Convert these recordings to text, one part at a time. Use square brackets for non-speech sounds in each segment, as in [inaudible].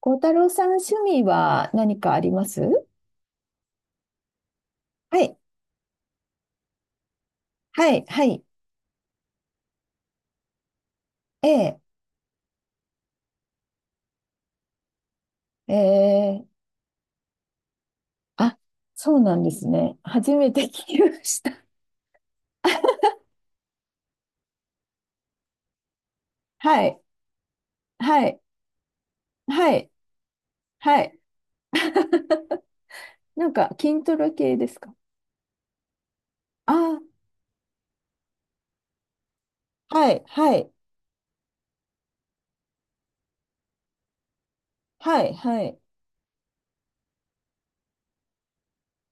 孝太郎さん、趣味は何かあります？はい、はい、はい。ええ。えー、あ、そうなんですね。初めて聞きました。はい、はい、はい、はい。[laughs] なんか、筋トレ系ですか？あ、はい、はい、はい、はい。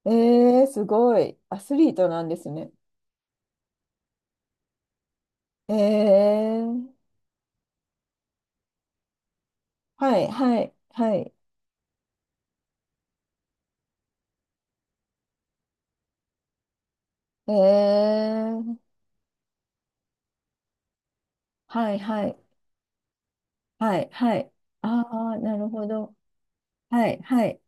ええ、すごい。アスリートなんですね。ええ、はい、はい、はい。ええ、はい、はい、はい、はい。ああ、なるほど。はい、はい。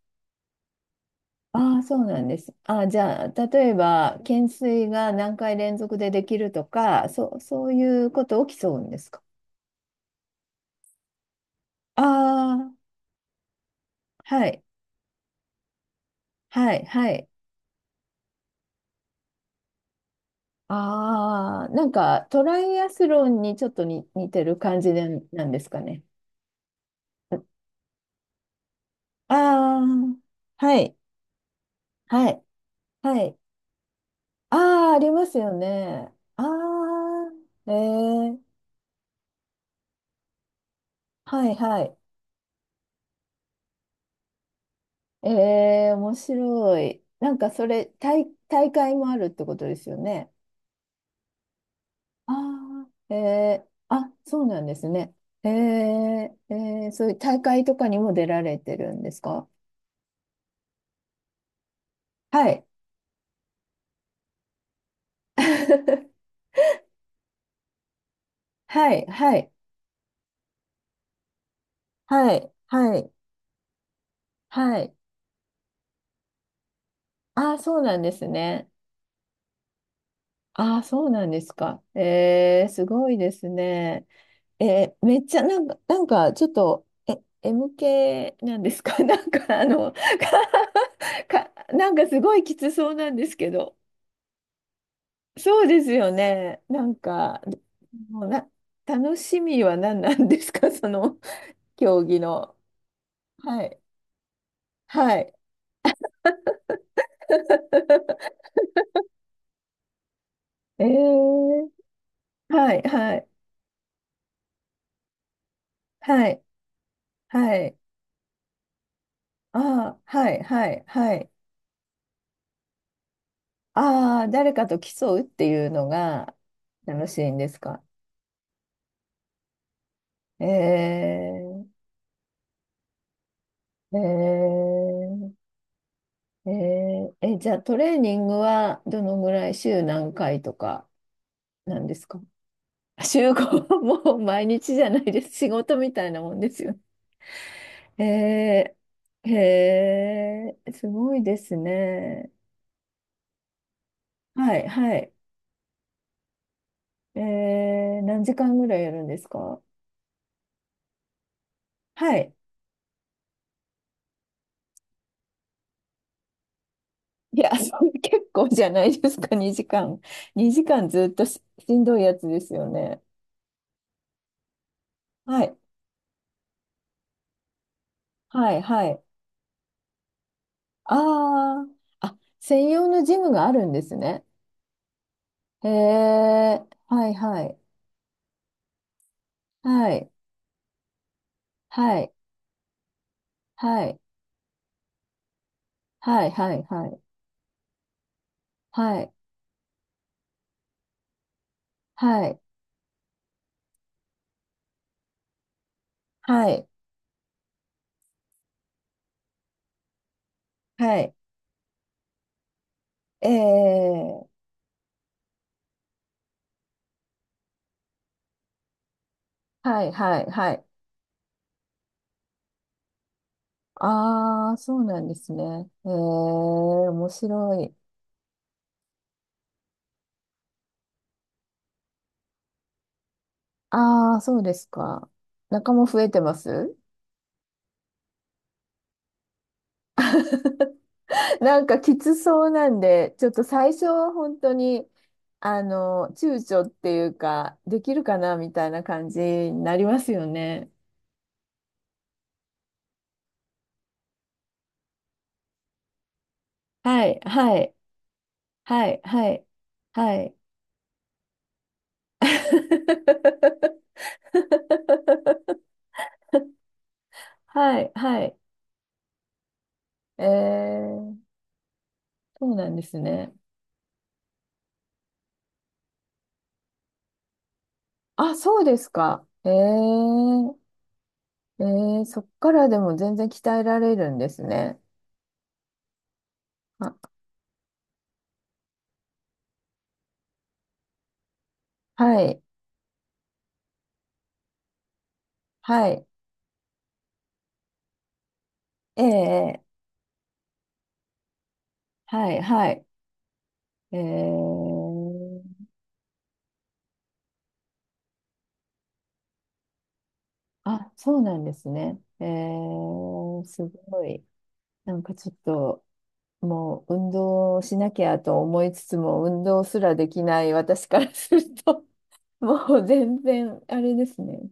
ああ、そうなんです。あ、じゃあ、例えば、懸垂が何回連続でできるとか、そういうこと起きそうんですか？ああ、はい、はい、はい。ああ、なんか、トライアスロンにちょっと似てる感じでなんですかね。ああ、はい、はい、はい。ああ、ありますよね。ああ、ええ、はい、はい。ええ、面白い。なんかそれ、大会もあるってことですよね。ああ、ええ、あ、そうなんですね。ええ、ええ、そういう大会とかにも出られてるんですか？はい。[laughs] はい、はい、はい、はい、はい。ああ、そうなんですね。ああ、そうなんですか。ええ、すごいですね。めっちゃなんか、なんかちょっと、え、m 系なんですか？ [laughs] なんかあの、[laughs] かなんかすごいきつそうなんですけど。そうですよね。なんか、もうな、楽しみは何なんですか？ [laughs] その、競技の。はい。はい。えー、はい、はい、はい、はい。ああ、はい、はい、はい。ああ、誰かと競うっていうのが楽しいんですか？えー、えー、えー、え、じゃあトレーニングはどのぐらい、週何回とかなんですか？あ、 [laughs] 週5、[laughs] もう毎日じゃないです。仕事みたいなもんですよね。えー、えー、すごいですね。はい、はい。えー、何時間ぐらいやるんですか？はい。いや、それ結構じゃないですか、2時間。2時間ずっとし、しんどいやつですよね。はい、はい、はい。ああ、あ、専用のジムがあるんですね。へえ、はいはい、はい、はい、はい、はい、はい、はい、はい、はい、はい、はい、ええ、はい、はい、はい。ああ、そうなんですね。ええ、面白い。ああ、そうですか。仲間増えてます？ [laughs] なんかきつそうなんで、ちょっと最初は本当に、あの、躊躇っていうか、できるかなみたいな感じになりますよね。はい、はい、はい、はい、はい。[laughs] はい、はい。えー、そうなんですね。あ、そうですか。えー、えー、そっからでも全然鍛えられるんですね。あ、はい、はい、ええ、はい、はい。えー、あ、そうなんですね。えー、すごい。なんかちょっと、もう運動しなきゃと思いつつも、運動すらできない私からすると、[laughs] もう全然、あれですね。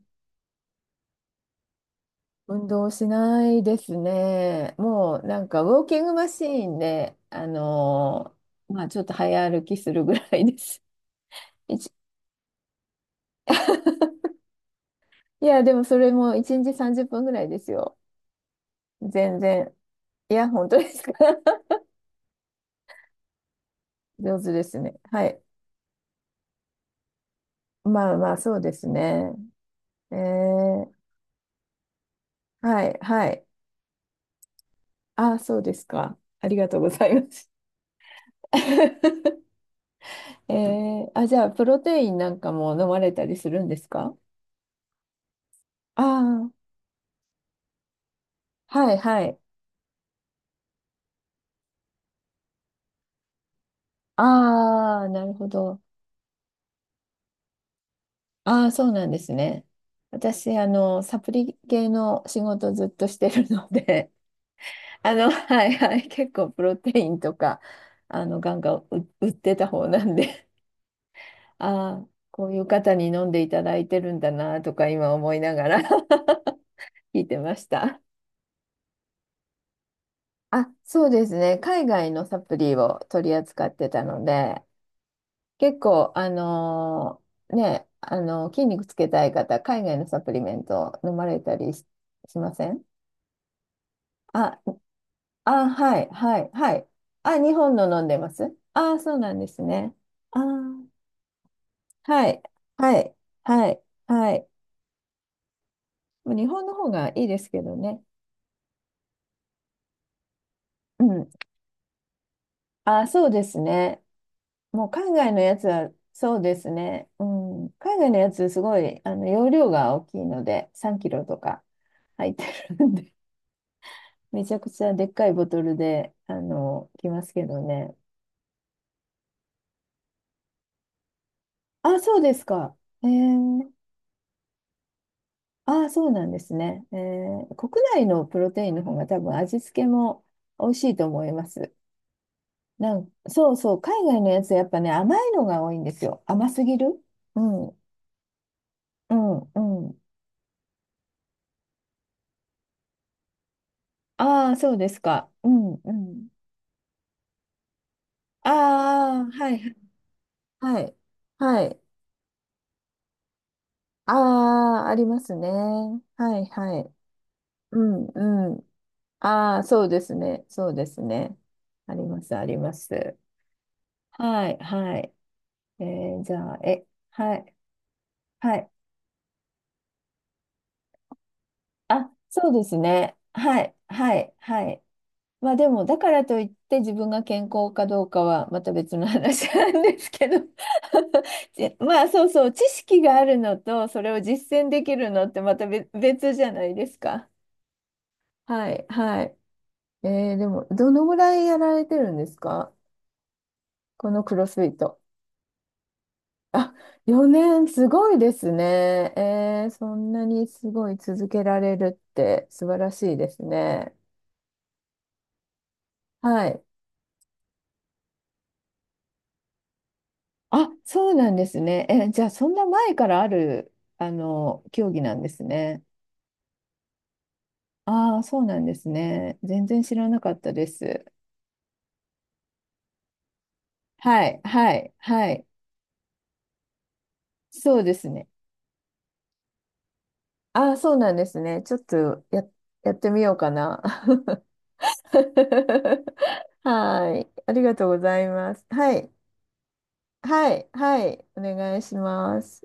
運動しないですね。もうなんかウォーキングマシーンで、まあちょっと早歩きするぐらいです。[laughs] いちいや、でもそれも1日30分ぐらいですよ。全然。いや、本当ですか。上手ですね。はい。まあまあ、そうですね。えー、はい、はい。あ、そうですか。ありがとうございます。[laughs] えー、あ、じゃあ、プロテインなんかも飲まれたりするんですか？ああ、ー、はい、はい。ああ、なるほど。ああ、そうなんですね。私、あの、サプリ系の仕事ずっとしてるので、[laughs] あの、はい、はい。結構、プロテインとか、あの、ガンガン売ってた方なんで。ああ、こういう方に飲んでいただいてるんだなとか今思いながら [laughs] 聞いてました。あ、そうですね。海外のサプリを取り扱ってたので、結構、あの、ね、あの筋肉つけたい方、海外のサプリメント飲まれたりし、しません？あ、あ、はい、はい、はい。あ、日本の飲んでます。あ、そうなんですね。あー、はい、はい、はい、はい。もう日本の方がいいですけどね。うん、あ、そうですね。もう海外のやつは、そうですね。うん。海外のやつ、すごい、あの、容量が大きいので、3キロとか入ってるんで、[laughs] めちゃくちゃでっかいボトルで、あの、来ますけどね。あ、そうですか。えー、あ、そうなんですね。えー、国内のプロテインの方が多分味付けも美味しいと思います。そうそう、海外のやつ、やっぱね、甘いのが多いんですよ。甘すぎる。うんうん。うん、ああ、そうですか。うんうん。ああ、はい、はい、はい。ああ、ありますね。はい、はい。うんうん。ああ、そうですね。そうですね。あります、あります。はい、はい。えーじゃあ、え、はい、はい。あ、そうですね。はい、はい、はい。まあでも、だからといって自分が健康かどうかはまた別の話なんですけど。 [laughs] まあそうそう、知識があるのと、それを実践できるのってまた別じゃないですか。はい、はい。えーでも、どのぐらいやられてるんですか？このクロスフィット。あ、4年、すごいですね。えーそんなにすごい続けられるって素晴らしいですね。はい。あ、そうなんですね。え、じゃあ、そんな前からある、あの、競技なんですね。ああ、そうなんですね。全然知らなかったです。はい、はい、はい。そうですね。ああ、そうなんですね。ちょっとやってみようかな。[laughs] はい。ありがとうございます。はい、はい、はい。お願いします。